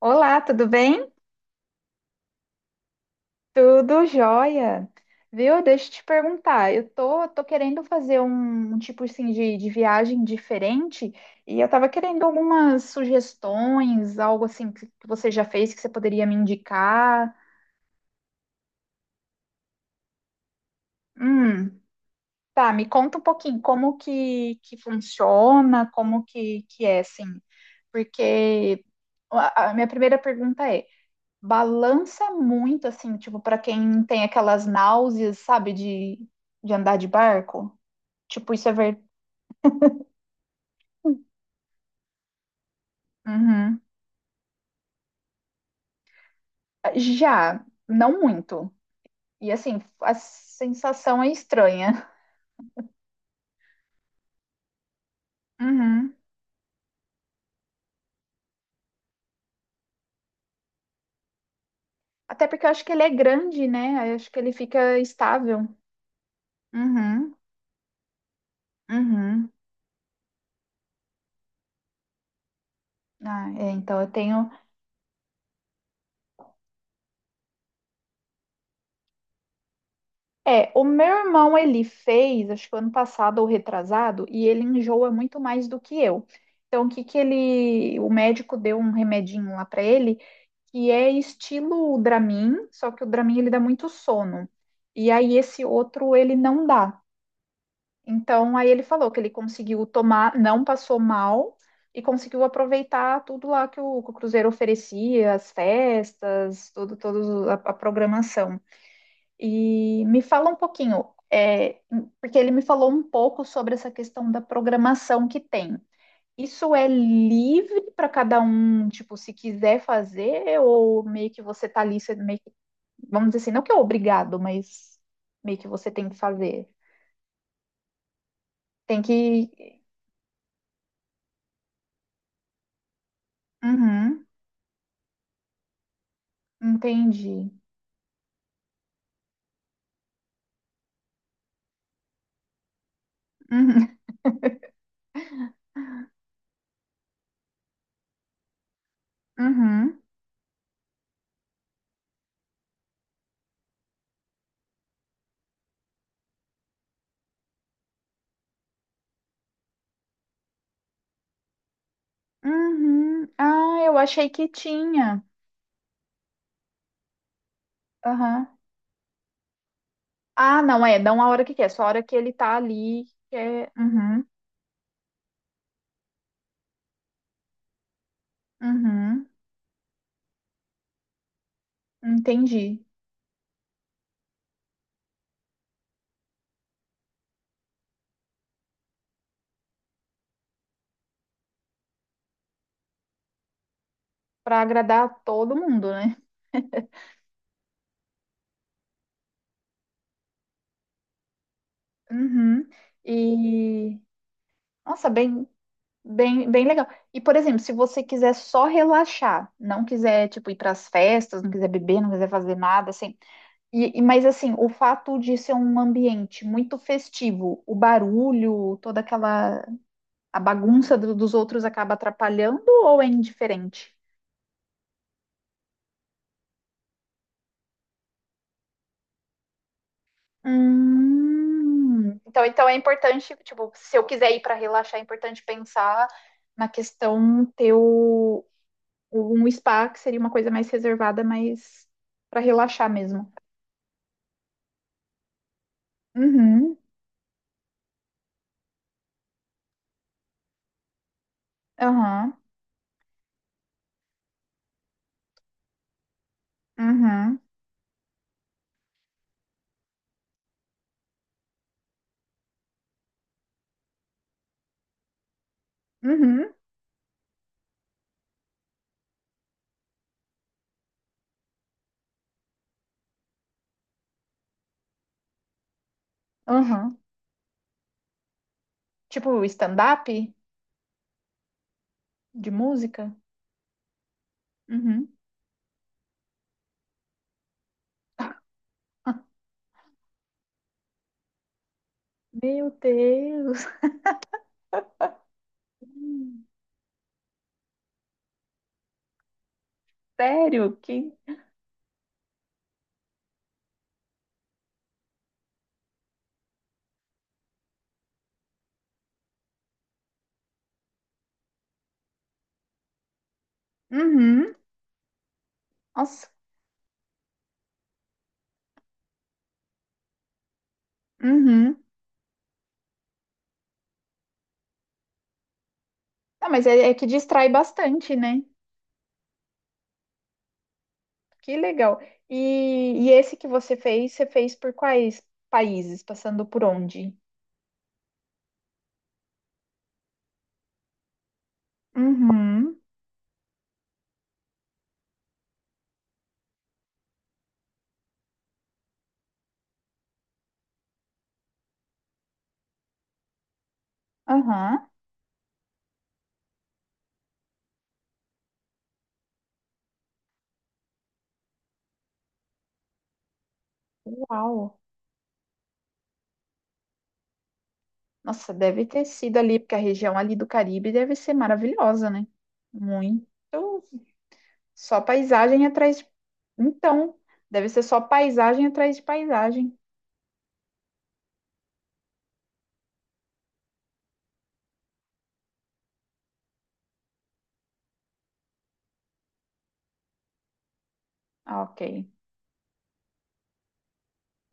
Olá, tudo bem? Tudo jóia. Viu? Deixa eu te perguntar. Eu tô querendo fazer um tipo assim de viagem diferente e eu tava querendo algumas sugestões, algo assim que você já fez que você poderia me indicar. Hum, tá, me conta um pouquinho como que funciona, como que é, assim, porque a minha primeira pergunta é. Balança muito, assim, tipo, pra quem tem aquelas náuseas, sabe, de andar de barco. Tipo, isso é ver... Uhum. Já, não muito. E assim, a sensação é estranha. Uhum. Até porque eu acho que ele é grande, né? Eu acho que ele fica estável. Uhum. Uhum. Ah, é, então eu tenho. É, o meu irmão ele fez, acho que ano passado ou retrasado, e ele enjoa muito mais do que eu. Então, o que que ele, o médico deu um remedinho lá para ele, que é estilo Dramin, só que o Dramin ele dá muito sono. E aí esse outro ele não dá. Então, aí ele falou que ele conseguiu tomar, não passou mal e conseguiu aproveitar tudo lá que que o Cruzeiro oferecia, as festas, tudo, toda a programação. E me fala um pouquinho, é, porque ele me falou um pouco sobre essa questão da programação que tem. Isso é livre para cada um, tipo, se quiser fazer, ou meio que você tá ali, você meio que, vamos dizer assim, não que é obrigado, mas meio que você tem que fazer. Tem que. Uhum, entendi. Uhum, uhum, uhum. Ah, eu achei que tinha. Aham. Ah, não é, não a hora que quer, só a hora que ele tá ali. Que é... uhum. Uhum, entendi. Para agradar todo mundo, né? Uhum. E nossa, bem legal. E por exemplo, se você quiser só relaxar, não quiser tipo ir para as festas, não quiser beber, não quiser fazer nada, assim. E, mas assim, o fato de ser um ambiente muito festivo, o barulho, toda aquela a bagunça dos outros acaba atrapalhando ou é indiferente? Então é importante, tipo, se eu quiser ir para relaxar, é importante pensar na questão ter um spa, que seria uma coisa mais reservada, mais para relaxar mesmo. Uhum, aham, uhum, uhum, uhum. Tipo, stand-up de música? Uhum. Meu Deus! Hum, Sério? Que... Uhum, nossa, uhum. Ah, mas é que distrai bastante, né? Que legal. E, e esse que você fez por quais países? Passando por onde? Uhum, aham. Uau! Nossa, deve ter sido ali, porque a região ali do Caribe deve ser maravilhosa, né? Muito. Só paisagem atrás de... Então, deve ser só paisagem atrás de paisagem. Ah, ok.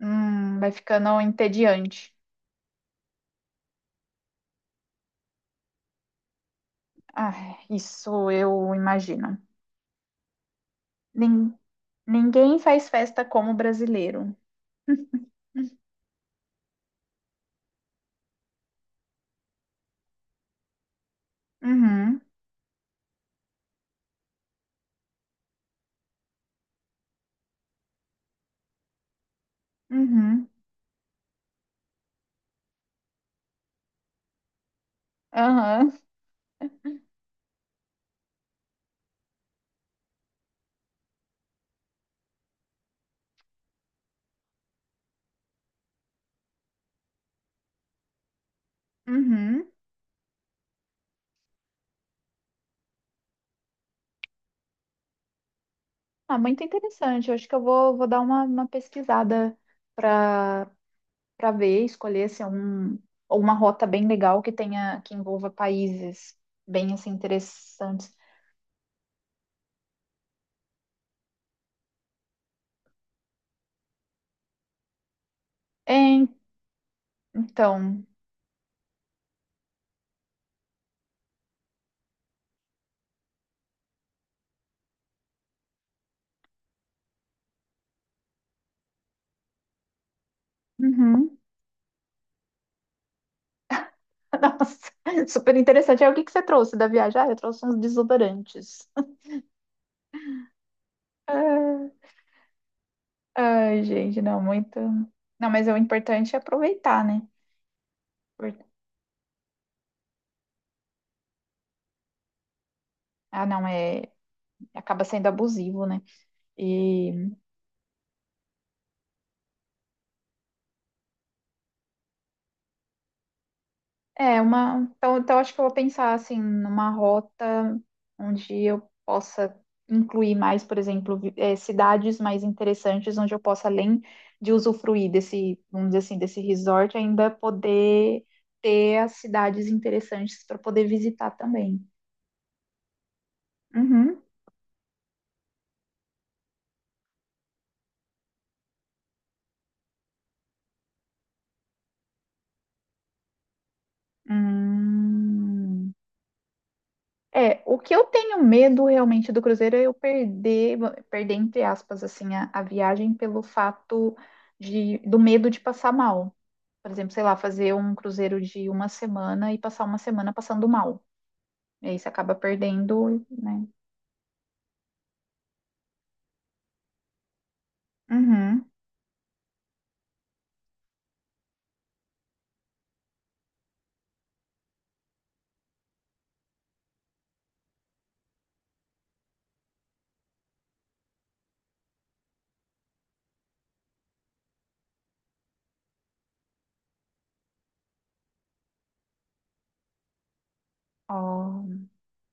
Vai ficando entediante. Ah, isso eu imagino. Nin- ninguém faz festa como brasileiro. Uhum. Uhum. Aham. Uhum. Ah, muito interessante. Eu acho que vou dar uma pesquisada para para ver, escolher se é um, ou uma rota bem legal que tenha que envolva países bem assim interessantes. É, então, uhum. Nossa, super interessante. Aí, o que que você trouxe da viagem? Ah, eu trouxe uns desodorantes. Ah, ai, gente, não, muito. Não, mas o importante é aproveitar, né? Por- ah, não, acaba sendo abusivo, né? E é, uma. Então acho que eu vou pensar assim numa rota onde eu possa incluir mais, por exemplo, cidades mais interessantes onde eu possa, além de usufruir desse, vamos dizer assim, desse resort, ainda poder ter as cidades interessantes para poder visitar também. Uhum. Hum. É, o que eu tenho medo realmente do Cruzeiro é perder entre aspas, assim, a viagem pelo fato do medo de passar mal. Por exemplo, sei lá, fazer um cruzeiro de uma semana e passar uma semana passando mal. E aí você acaba perdendo, né? Uhum. Ó.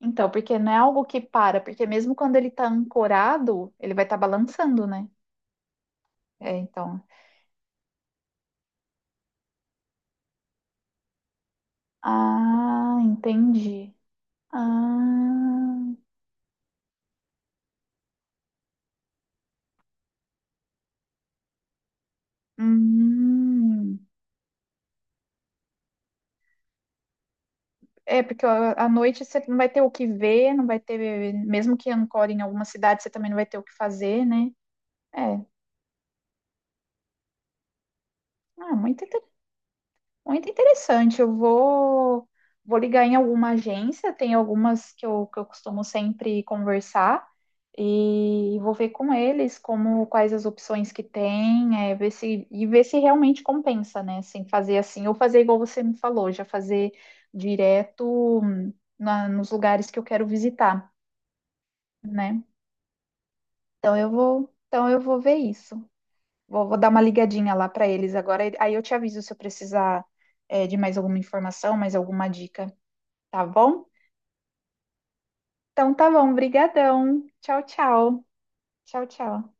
Então, porque não é algo que para, porque mesmo quando ele tá ancorado, ele vai estar balançando, né? É, então. Ah, entendi. Ah, hum. É, porque ó, à noite você não vai ter o que ver, não vai ter, mesmo que ancore em alguma cidade, você também não vai ter o que fazer, né? É, ah, muito interessante. Vou ligar em alguma agência, tem algumas que eu costumo sempre conversar, e vou ver com eles como quais as opções que tem, é, ver se, e ver se realmente compensa, né? Sem fazer assim, ou fazer igual você me falou, já fazer direto nos lugares que eu quero visitar, né? Então eu vou ver isso. Vou dar uma ligadinha lá para eles agora. Aí eu te aviso se eu precisar, é, de mais alguma informação, mais alguma dica, tá bom? Então tá bom, brigadão. Tchau, tchau. Tchau, tchau.